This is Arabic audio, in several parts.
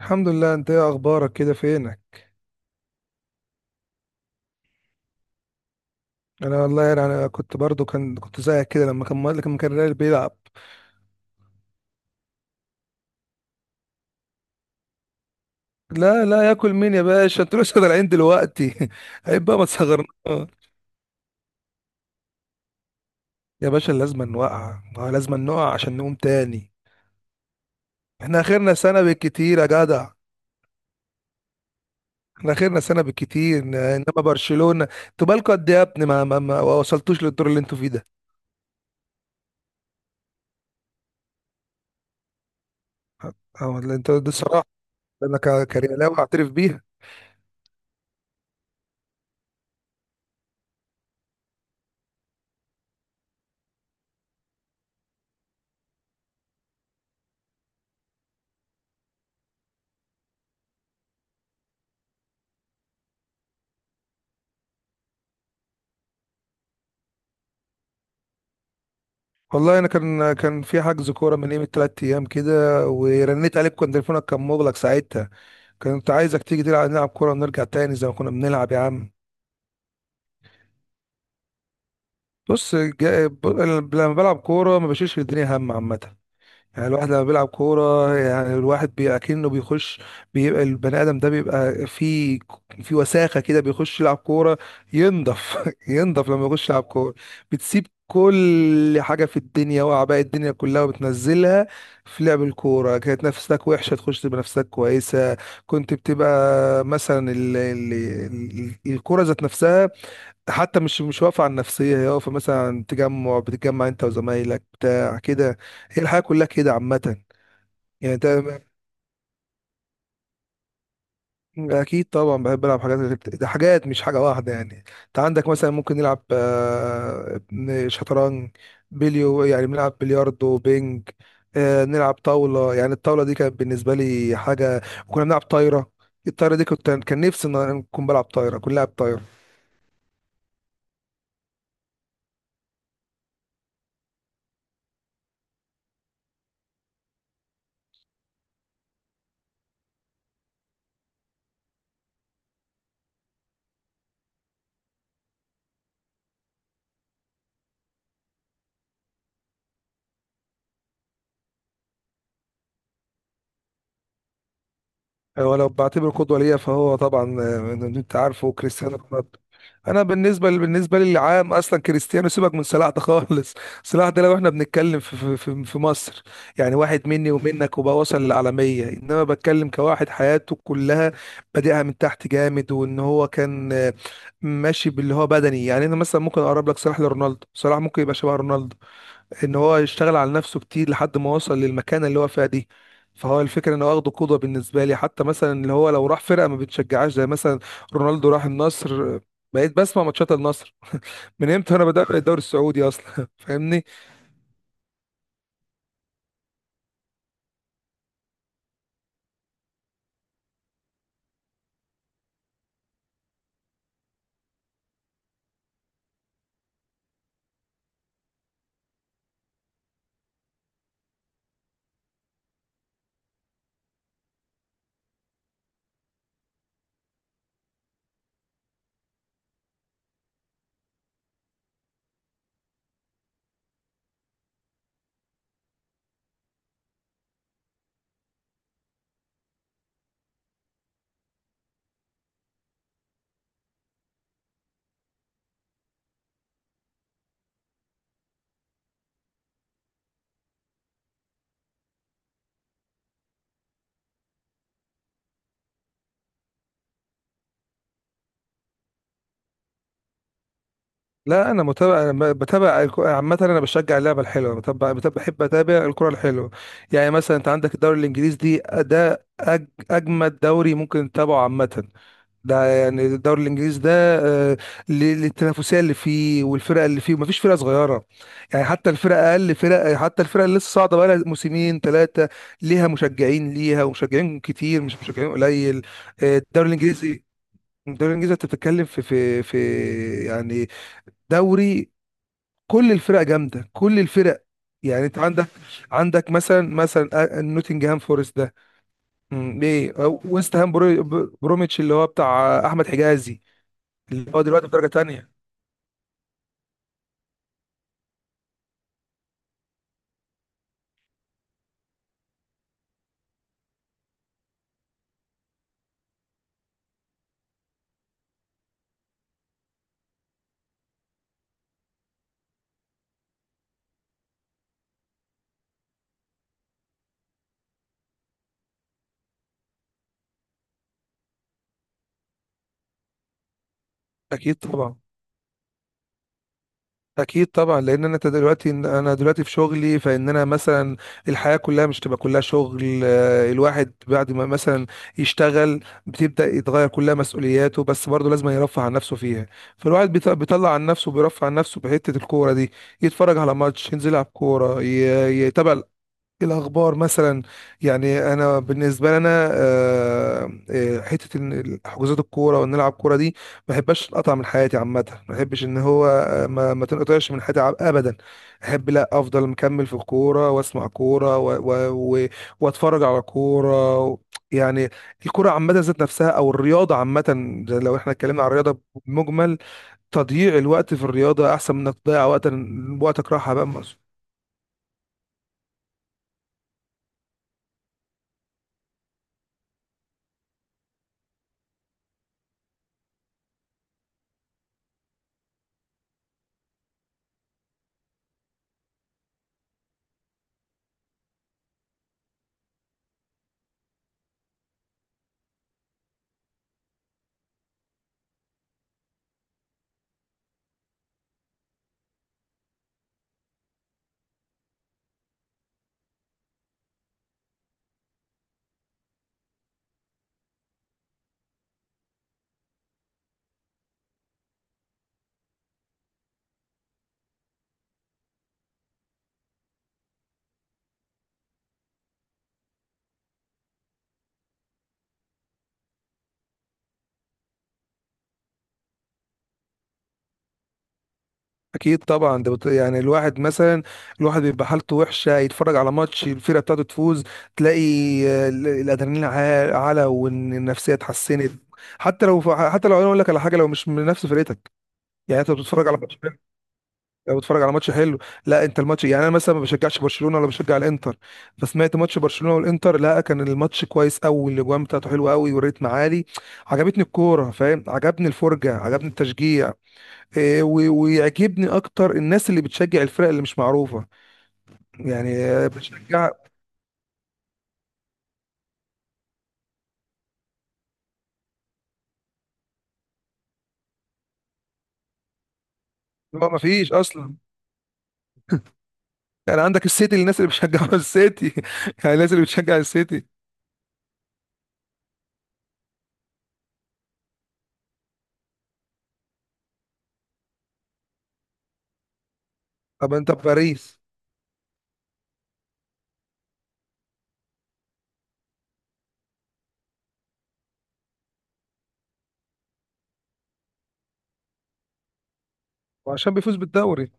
الحمد لله، انت ايه اخبارك؟ كده فينك؟ انا والله، يعني انا كنت برضو، كنت زيك كده، لما كان الريال بيلعب. لا لا، ياكل مين يا باشا؟ انتوا لسه طالعين دلوقتي عيب بقى، ما تصغرنا. يا باشا لازم نوقع آه، لازم نقع عشان نقوم تاني. احنا اخرنا سنه بالكتير يا جدع. احنا اخرنا سنه بالكتير، انما برشلونه انتوا بالكوا قد ايه يا ابني؟ ما وصلتوش للدور اللي انتوا فيه ده. اه والله انتوا دي الصراحه. انا كريالاوي اعترف بيها. والله انا كان في حجز كوره من قيمه 3 ايام كده. ورنيت عليك كان تليفونك كان مغلق ساعتها. كنت عايزك تيجي تلعب، نلعب كوره ونرجع تاني زي ما كنا بنلعب يا عم. بص، لما بلعب كوره ما بشيلش الدنيا هم عامه. يعني الواحد لما بيلعب كورة، يعني الواحد اكنه بيخش. بيبقى البني آدم ده بيبقى في في وساخة كده، بيخش يلعب كورة، ينضف ينضف لما يخش يلعب كورة. بتسيب كل حاجة في الدنيا وأعباء الدنيا كلها، وبتنزلها في لعب الكورة. كانت نفسك وحشة، تخش تبقى نفسك كويسة. كنت بتبقى مثلا الكورة ذات نفسها. حتى مش واقفة على النفسية، هي واقفة مثلا، بتتجمع انت وزمايلك بتاع كده. هي الحياة كلها كده عامة. يعني انت، اكيد طبعا بحب العب حاجات غير- ده حاجات مش حاجة واحدة. يعني انت عندك مثلا ممكن نلعب شطرنج. يعني بنلعب بلياردو بينج. نلعب طاولة. يعني الطاولة دي كانت بالنسبة لي حاجة. وكنا بنلعب طايرة. الطايرة دي كنت، كان نفسي ان انا اكون بلعب طايرة، كنت لاعب طايرة. هو لو بعتبره قدوة ليا فهو طبعا، انت عارفه كريستيانو رونالدو. انا بالنسبه لي العام، اصلا كريستيانو سيبك من صلاح ده خالص صلاح ده لو احنا بنتكلم في مصر، يعني واحد مني ومنك وبقى وصل للعالميه. انما بتكلم كواحد حياته كلها بادئها من تحت جامد، وان هو كان ماشي باللي هو بدني. يعني انا مثلا ممكن اقرب لك صلاح لرونالدو. صلاح ممكن يبقى شبه رونالدو، ان هو يشتغل على نفسه كتير لحد ما وصل للمكانه اللي هو فيها دي. فهو الفكره ان هو واخده قدوه بالنسبه لي، حتى مثلا اللي هو لو راح فرقه ما بتشجعهاش زي مثلا رونالدو راح النصر، بقيت بسمع ماتشات النصر. من امتى انا بتابع الدوري السعودي اصلا فاهمني. لا انا متابع، أنا بتابع عامه. انا بشجع اللعبه الحلوه. بتابع، بتابع- بحب اتابع الكره الحلوه. يعني مثلا انت عندك الدوري الانجليزي دي، ده اجمد دوري ممكن تتابعه عامه. ده يعني الدوري الانجليزي ده، آه، ل- للتنافسيه اللي فيه والفرق اللي فيه. ومفيش فرقه صغيره. يعني حتى الفرق، اقل فرق، حتى الفرق اللي لسه صاعده بقى لها موسمين ثلاثه، ليها مشجعين ليها ومشجعين كتير، مش مشجعين قليل. الدوري الانجليزي. الدوري الانجليزي انت بتتكلم في يعني دوري، كل الفرق جامده، كل الفرق. يعني انت عندك مثلا نوتنجهام فورست ده. ايه أو ويست هام، بروميتش اللي هو بتاع احمد حجازي، اللي هو دلوقتي في درجة تانية. اكيد طبعا. اكيد طبعا، لان انا دلوقتي في شغلي. فان انا مثلا، الحياة كلها مش تبقى كلها شغل. الواحد بعد ما مثلا يشتغل، بتبدأ يتغير كلها مسؤولياته، بس برضه لازم يرفع عن نفسه فيها. فالواحد بيطلع عن نفسه، بيرفع عن نفسه بحتة الكورة دي. يتفرج على ماتش، ينزل يلعب كورة، يتابع الأخبار مثلا. يعني أنا بالنسبة لنا، حتة إن حجوزات الكورة وإن نلعب كورة دي، ما بحبش أقطع من حياتي عامة. ما بحبش إن هو، ما تنقطعش من حياتي، أبدا. أحب، لا أفضل مكمل في الكورة، وأسمع كورة و و و وأتفرج على كورة يعني الكورة عامة ذات نفسها، أو الرياضة عامة. زي لو إحنا اتكلمنا عن الرياضة بمجمل، تضييع الوقت في الرياضة أحسن من إنك تضيع وقت. وقتك راحة بقى. اكيد طبعا، ده يعني الواحد مثلا، الواحد بيبقى حالته وحشه، يتفرج على ماتش الفرقه بتاعته تفوز، تلاقي الادرينالين علا، وان النفسيه اتحسنت. حتى لو حتى لو انا اقول لك على حاجه، لو مش من نفس فرقتك، يعني انت بتتفرج على ماتش حلو. لو بتتفرج على ماتش حلو، لا انت الماتش، يعني انا مثلا ما بشجعش برشلونه ولا بشجع الانتر. فسمعت ماتش برشلونه والانتر، لا كان الماتش كويس قوي، الاجوان بتاعته حلوه قوي والريتم عالي. عجبتني الكوره، فاهم، عجبني الفرجه، عجبني التشجيع. ويعجبني اكتر الناس اللي بتشجع الفرق اللي مش معروفه. يعني بتشجع، هو ما فيش اصلا. يعني عندك السيتي، الناس اللي بتشجعوا السيتي. يعني الناس اللي بتشجع السيتي. طب انت في باريس؟ وعشان بيفوز بالدوري.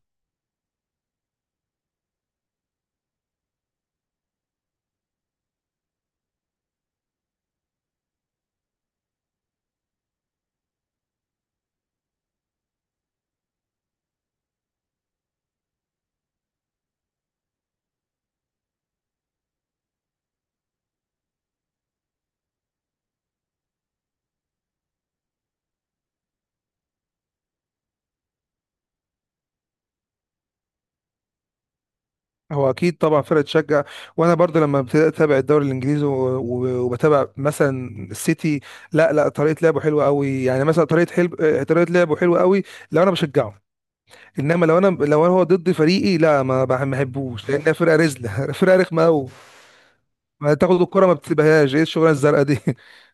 هو اكيد طبعا فرقه تشجع. وانا برضه لما ابتديت اتابع الدوري الانجليزي وبتابع مثلا السيتي، لا لا، طريقه لعبه حلوه قوي. يعني مثلا طريقه حلو، طريقه لعبه حلوه قوي لو انا بشجعه. انما لو انا هو ضد فريقي لا ما بحبوش، لانها فرقه رزله فرقه رخمه قوي، ما تاخد الكرة ما بتسيبهاش. ايه الشغلانة الزرقاء دي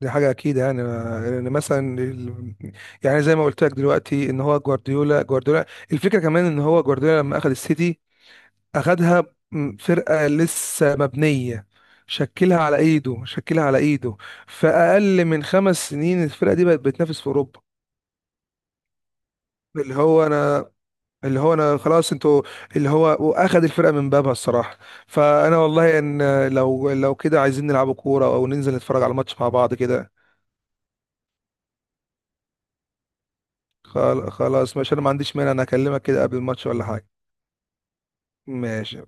دي حاجة أكيد، يعني لأن مثلا يعني زي ما قلت لك دلوقتي إن هو جوارديولا. جوارديولا، الفكرة كمان إن هو جوارديولا لما أخد السيتي، أخدها فرقة لسه مبنية، شكلها على إيده، شكلها على إيده. في أقل من 5 سنين الفرقة دي بقت بتنافس في أوروبا. اللي هو أنا، اللي هو انا خلاص انتوا، اللي هو واخد الفرقه من بابها الصراحه. فانا والله ان لو كده عايزين نلعبوا كوره او ننزل نتفرج على الماتش مع بعض كده. خلاص ماشي، انا ما عنديش مانع، انا اكلمك كده قبل الماتش ولا حاجه. ماشي.